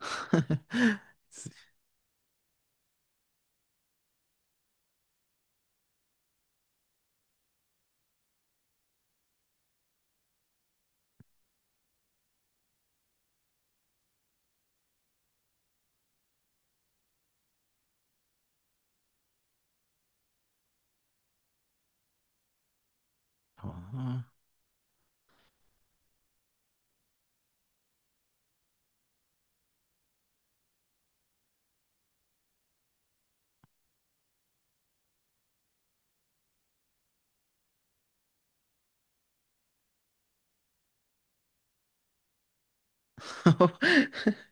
No,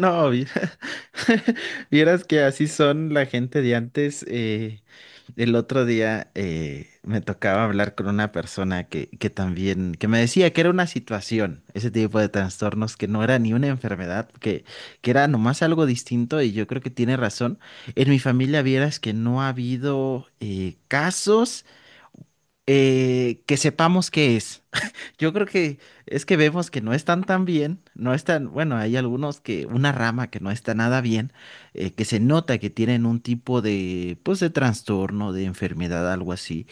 No, vieras que así son la gente de antes. El otro día me tocaba hablar con una persona que también, que me decía que era una situación, ese tipo de trastornos, que no era ni una enfermedad, que era nomás algo distinto y yo creo que tiene razón. En mi familia vieras que no ha habido casos que sepamos qué es. Yo creo que es que vemos que no están tan bien, no están, bueno, hay algunos que, una rama que no está nada bien, que se nota que tienen un tipo de, pues, de trastorno, de enfermedad, algo así.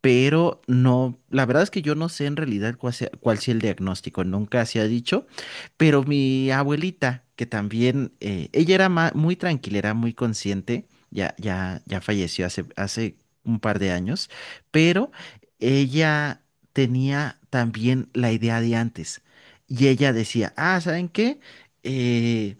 Pero no, la verdad es que yo no sé en realidad cuál sea el diagnóstico, nunca se ha dicho, pero mi abuelita, que también, ella era muy tranquila, era muy consciente, ya, ya, ya falleció hace un par de años, pero ella tenía también la idea de antes y ella decía, ah, ¿saben qué? Eh,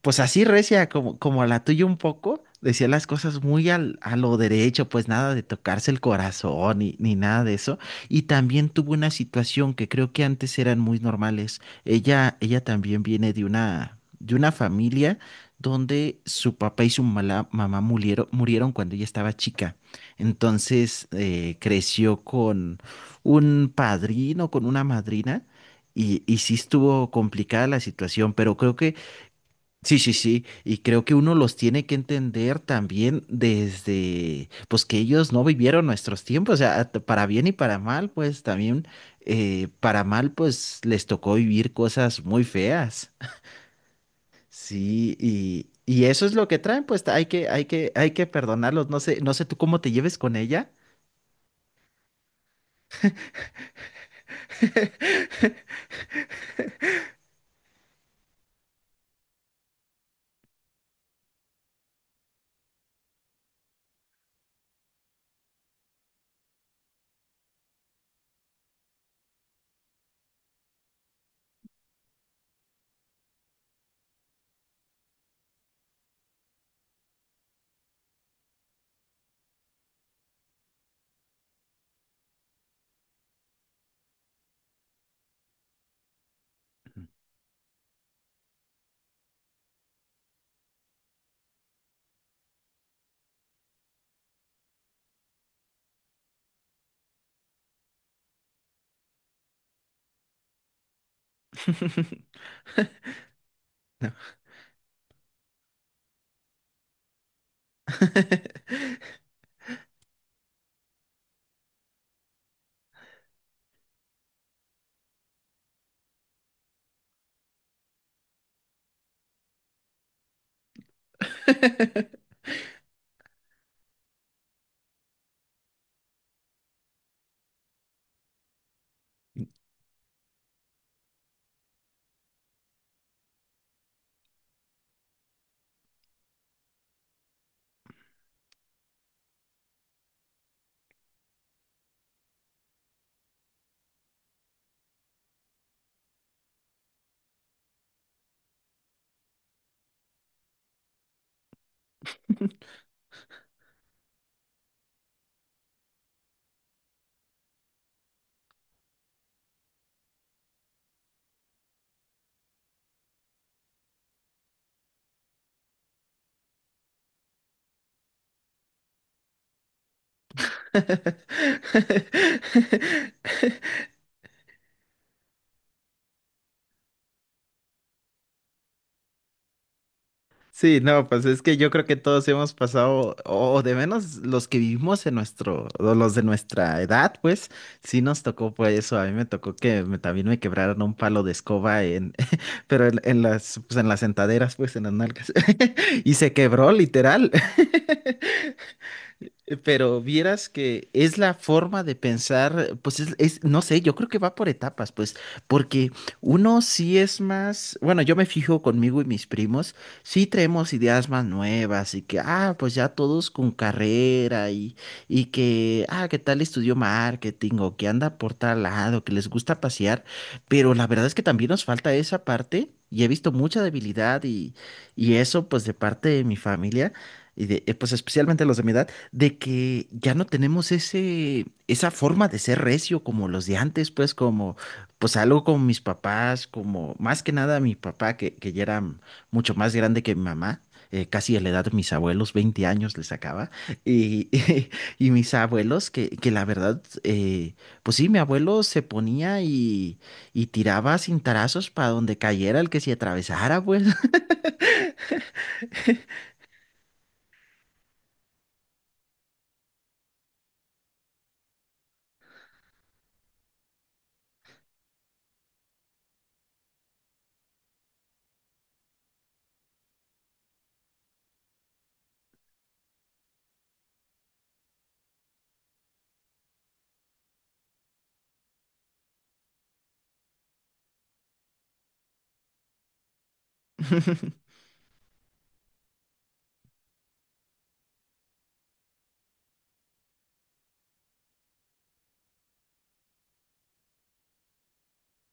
pues así recia, como la tuya un poco, decía las cosas muy a lo derecho, pues nada de tocarse el corazón ni nada de eso. Y también tuvo una situación que creo que antes eran muy normales. Ella también viene de una familia donde su papá y su mamá murieron cuando ella estaba chica. Entonces creció con un padrino, con una madrina. Y sí estuvo complicada la situación, pero creo que... Sí, sí, sí, y creo que uno los tiene que entender también desde, pues que ellos no vivieron nuestros tiempos, o sea, para bien y para mal, pues también, para mal, pues les tocó vivir cosas muy feas. Sí, y eso es lo que traen, pues hay que perdonarlos, no sé tú cómo te lleves con ella. No. Sí, no, pues es que yo creo que todos hemos pasado, o de menos los que vivimos en nuestro, o los de nuestra edad, pues sí nos tocó pues eso. A mí me tocó que también me quebraron un palo de escoba en, pero en las, pues en las sentaderas, pues en las nalgas. Y se quebró literal. Pero vieras que es la forma de pensar, pues no sé, yo creo que va por etapas, pues, porque uno sí es más, bueno, yo me fijo conmigo y mis primos, sí traemos ideas más nuevas y que, ah, pues ya todos con carrera y que, ah, que tal estudió marketing o que anda por tal lado, que les gusta pasear, pero la verdad es que también nos falta esa parte y he visto mucha debilidad y eso, pues, de parte de mi familia. Y de, pues especialmente los de mi edad, de que ya no tenemos esa forma de ser recio como los de antes, pues como, pues algo con mis papás, como más que nada mi papá, que ya era mucho más grande que mi mamá, casi de la edad de mis abuelos, 20 años le sacaba, y, y, mis abuelos, que la verdad, pues sí, mi abuelo se ponía y tiraba cintarazos para donde cayera el que se atravesara, pues.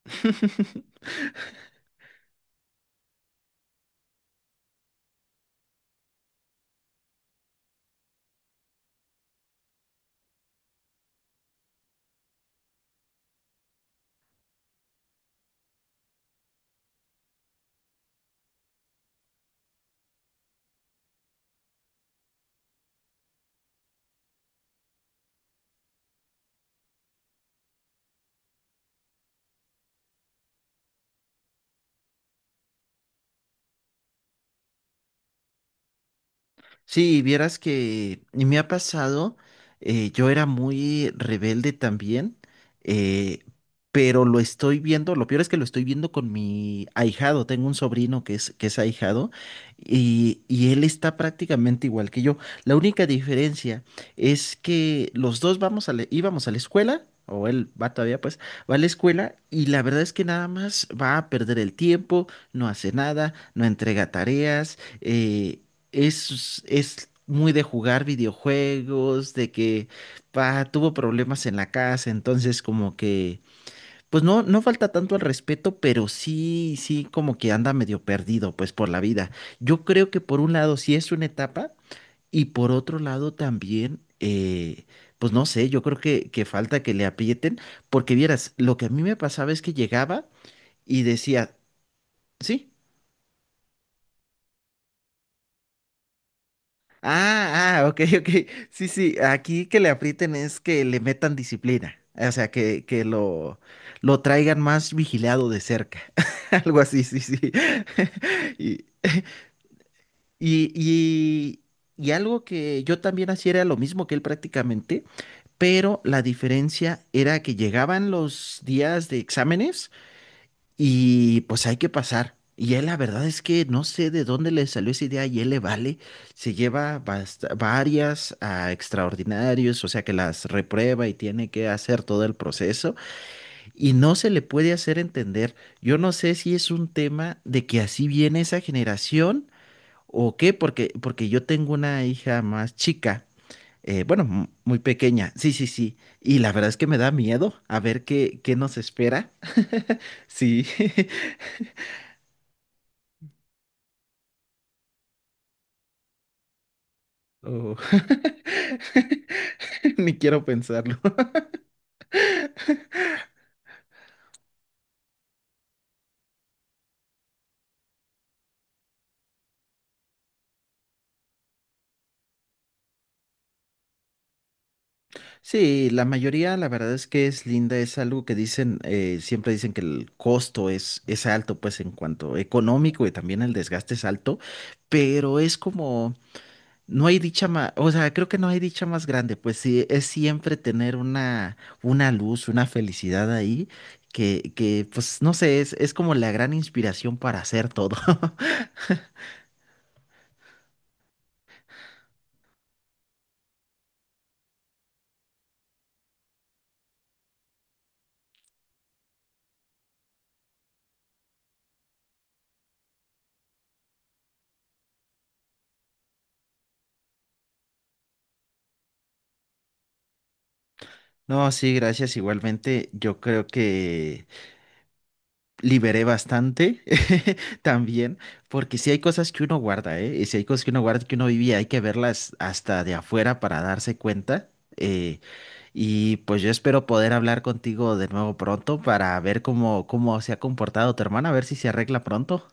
Sí, vieras que me ha pasado, yo era muy rebelde también, eh, pero lo estoy viendo, lo peor es que lo estoy viendo con mi ahijado, tengo un sobrino que es ahijado y él está prácticamente igual que yo. La única diferencia es que los dos vamos a íbamos a la escuela. O él va todavía, pues, va a la escuela y la verdad es que nada más va a perder el tiempo, no hace nada, no entrega tareas, es muy de jugar videojuegos, de que pa, tuvo problemas en la casa, entonces como que, pues no, no falta tanto al respeto, pero sí, sí, como que anda medio perdido, pues por la vida. Yo creo que por un lado sí es una etapa y por otro lado también, pues no sé, yo creo que falta que le aprieten, porque vieras, lo que a mí me pasaba es que llegaba y decía, sí. Ah, ah, ok, ok. Sí, sí, aquí que le aprieten es que le metan disciplina. O sea, que lo traigan más vigilado de cerca. Algo así, sí, sí. Y, y, y, y algo que yo también hacía era lo mismo que él prácticamente, pero la diferencia era que llegaban los días de exámenes y pues hay que pasar. Y él, la verdad es que no sé de dónde le salió esa idea y él le vale. Se lleva varias a extraordinarios, o sea que las reprueba y tiene que hacer todo el proceso y no se le puede hacer entender. Yo no sé si es un tema de que así viene esa generación o qué, porque yo tengo una hija más chica, bueno, muy pequeña, sí, sí, sí. Y la verdad es que me da miedo a ver qué nos espera. Sí. Oh. Ni quiero pensarlo. Sí, la mayoría, la verdad es que es linda, es algo que dicen, siempre dicen que el costo es alto, pues en cuanto económico y también el desgaste es alto, pero es como, no hay dicha más, o sea, creo que no hay dicha más grande, pues sí, es siempre tener una luz, una felicidad ahí, que pues no sé, es como la gran inspiración para hacer todo. No, sí, gracias igualmente. Yo creo que... liberé bastante también, porque si hay cosas que uno guarda, ¿eh? Y si hay cosas que uno guarda, que uno vivía, hay que verlas hasta de afuera para darse cuenta. eh, y pues yo espero poder hablar contigo de nuevo pronto para ver cómo se ha comportado tu hermana, a ver si se arregla pronto.